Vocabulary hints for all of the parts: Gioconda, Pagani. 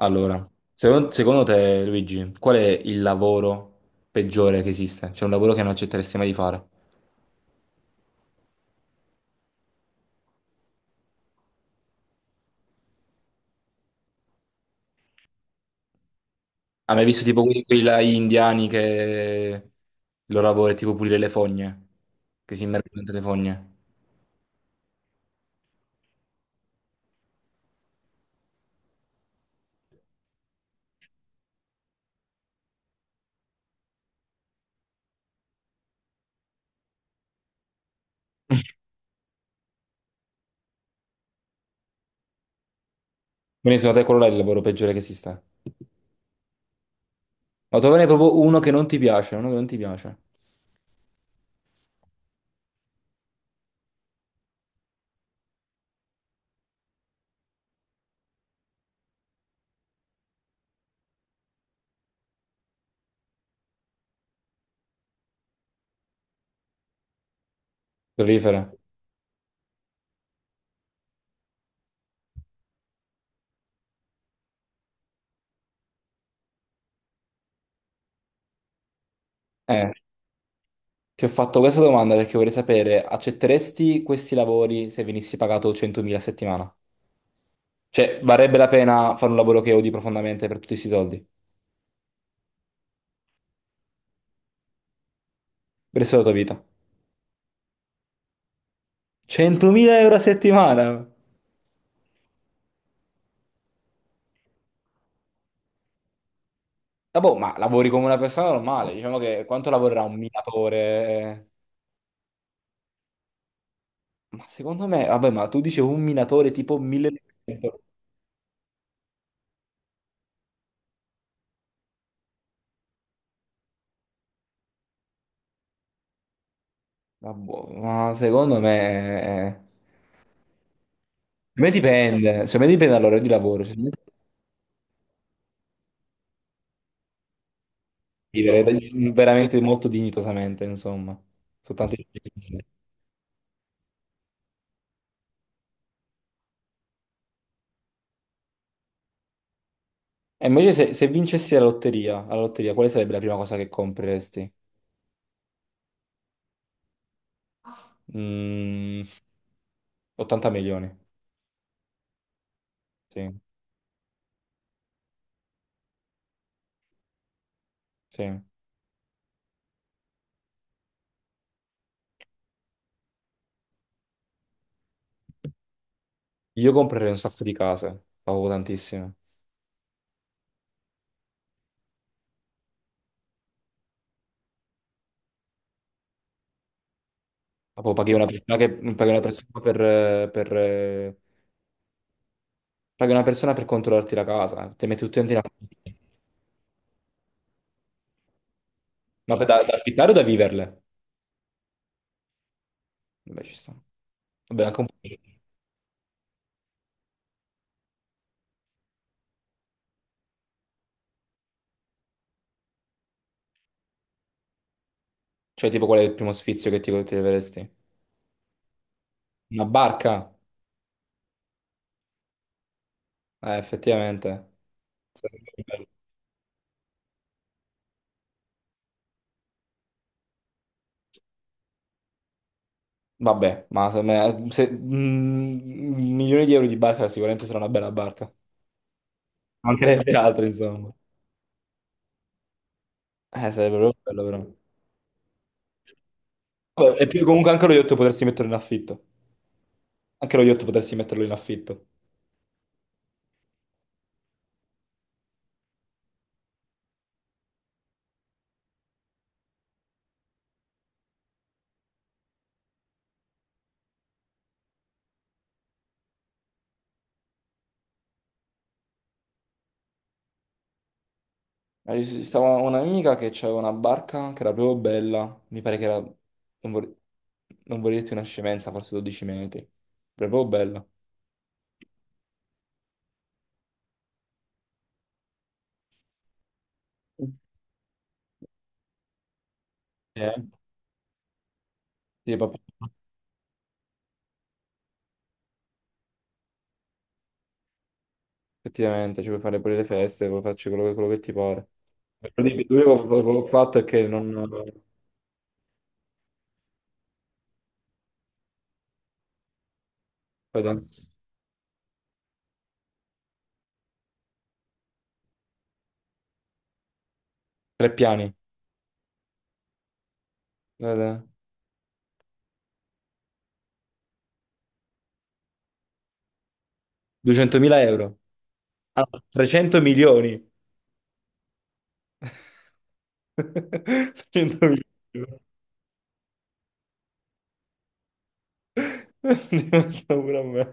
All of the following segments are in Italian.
Allora, secondo te, Luigi, qual è il lavoro peggiore che esiste? C'è un lavoro che non accetteresti mai di fare? Hai mai visto tipo quelli là indiani che il loro lavoro è tipo pulire le fogne, che si immergono dentro le fogne? Quindi secondo te quello là è il lavoro peggiore che esiste? Ma trovane proprio uno che non ti piace, uno che non ti piace. Prolifera. Eh, ti ho fatto questa domanda perché vorrei sapere, accetteresti questi lavori se venissi pagato 100.000 a settimana? Cioè, varrebbe la pena fare un lavoro che odi profondamente per tutti questi soldi, per il resto della tua vita. 100.000 euro a settimana! Ah, boh, ma lavori come una persona normale, diciamo che quanto lavorerà un minatore? Ma secondo me, vabbè, ma tu dici un minatore tipo 1000... Ma boh, ma secondo me dipende dall'orario di lavoro, cioè, secondo me vivere veramente molto dignitosamente, insomma, soltanto... E invece se vincessi la lotteria, quale sarebbe la prima cosa che compreresti? Mm, 80 milioni, sì, sì. Io comprerei un sacco di case, ma proprio tantissime. Ma poi paghi una persona, paghi una persona paghi una persona per controllarti la casa, ti metti tutti in una... Ma per da affittare o da viverle? Vabbè, ci sta. Vabbè, anche un po'. Cioè, tipo, qual è il primo sfizio che ti leveresti? Una barca? Effettivamente. Sarebbe bello. Vabbè, ma se, me- se- mm, milioni di euro di barca sicuramente sarà una bella barca. Mancherebbe altro, insomma. Sarebbe proprio bello, però. Vabbè, comunque anche lo yacht potresti metterlo in affitto. Anche lo yacht potresti metterlo in affitto. Ci stava una mia amica che aveva una barca che era proprio bella. Mi pare che era... Non vorrei dirti una scemenza, forse 12 metri. Proprio bella. Eh, sì, papà. Effettivamente, ci puoi fare pure le feste, puoi farci quello che ti pare. L'unico che ho fatto è che non... guarda, tre piani. Guarda, 200.000 euro. Ah, 300 milioni. 100.000 euro. Diventa pure a me.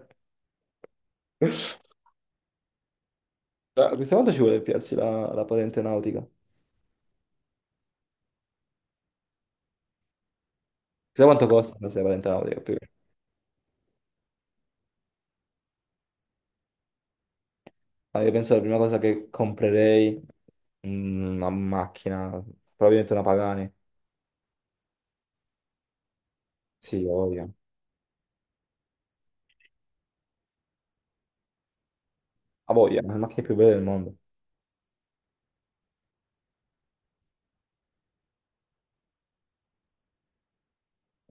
Ma questa volta ci vuole piarsi la patente nautica. Sai quanto costa la patente nautica? Più? Ah, io penso la prima cosa che comprerei una macchina, probabilmente una Pagani. Sì, ho voglia. Ha voglia, è la macchina più bella del mondo.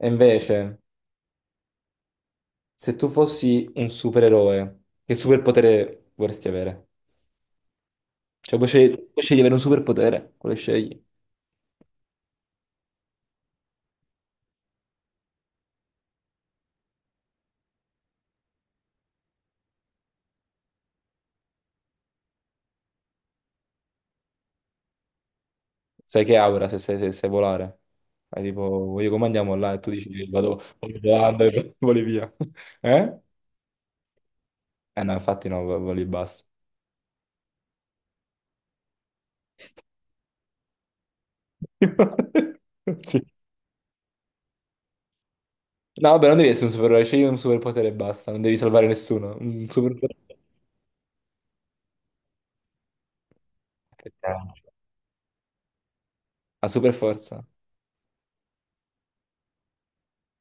E invece, se tu fossi un supereroe, che superpotere vorresti avere? Cioè, puoi scegliere di avere un superpotere, quale scegli? Sai che aura se sai volare? Hai tipo, io come andiamo là? E tu dici, vado volando e voli via. Eh? Eh no, infatti no, voli e basta. Sì. No, vabbè, non devi essere un supereroe, scegli un superpotere e basta, non devi salvare nessuno. Un superpotere. A super forza?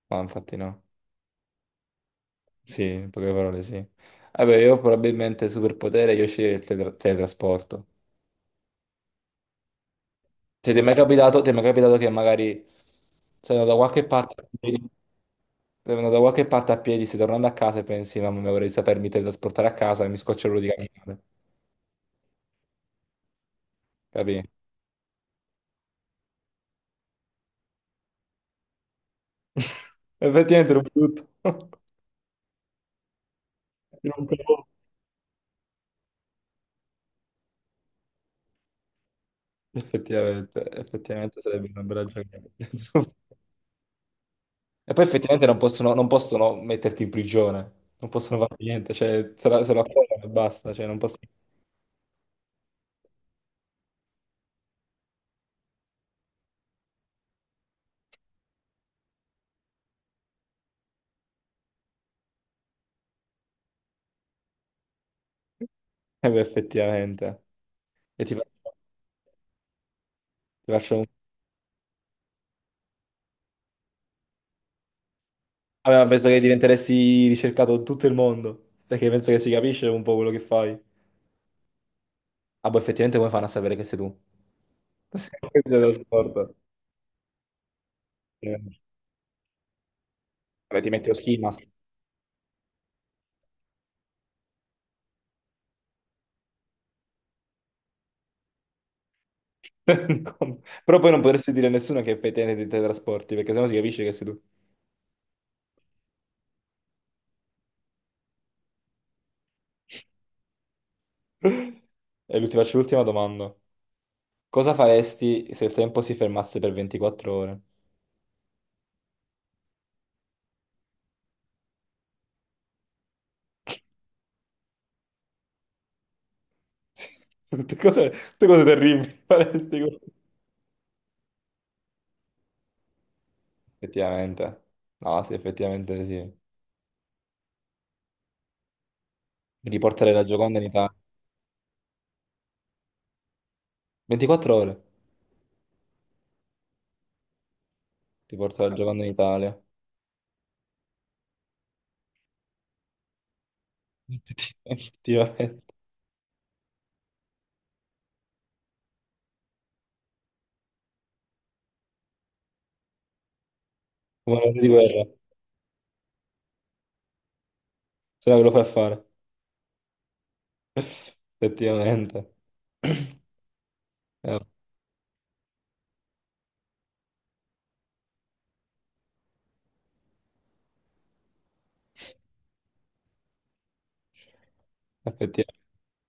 Ma infatti no. Sì, in poche parole sì. Vabbè, io probabilmente superpotere, io sceglierei il teletrasporto. Cioè, ti è mai capitato che magari sei andato da qualche parte. Sei andato da qualche parte a piedi, stai tornando a casa e pensi, mamma mia, vorrei sapermi teletrasportare a casa e mi scoccio l'ora di camminare. Capì? Effettivamente ero brutto. Era un po'. Effettivamente sarebbe una bella giornata. Insomma. E poi effettivamente non possono metterti in prigione, non possono fare niente, cioè se lo accolgono e basta, cioè non possono... Eh beh, effettivamente. E ti faccio un... Vabbè, ma penso che diventeresti ricercato in tutto il mondo, perché penso che si capisce un po' quello che fai. Ah, boh, effettivamente come fanno a sapere che sei tu? Sì, dello sport. Eh, vabbè, ti metti lo ski mask. Come? Però poi non potresti dire a nessuno che effettivamente ti teletrasporti, perché sennò si capisce che sei tu. Ti faccio l'ultima domanda. Cosa faresti se il tempo si fermasse per 24 ore? Tutte cose terribili faresti. Con- Effettivamente. No, sì, effettivamente sì. Riportare la Gioconda in Italia. 24 ore. Riportare la Gioconda in Italia. Effettivamente. Manuale di guerra, se no ve lo fa fare. Effettivamente. Eh, effettivamente.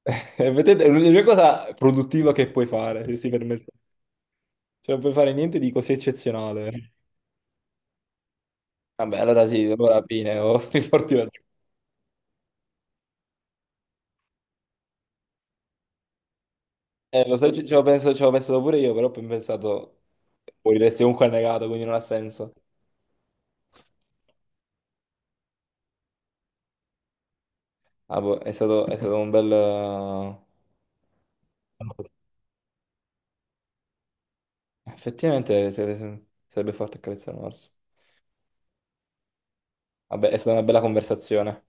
E vedete, è l'unica cosa produttiva che puoi fare, se si permette. Cioè, non puoi fare niente di così eccezionale. Vabbè, allora sì, allora fine, ho riporti la lo so, ci avevo pensato, ci avevo pensato pure io, però poi ho pensato, moriresti comunque annegato, quindi non ha senso. Ah, boh, è stato un bel... Effettivamente cioè, sarebbe forte accarezzare un orso. Vabbè, è stata una bella conversazione.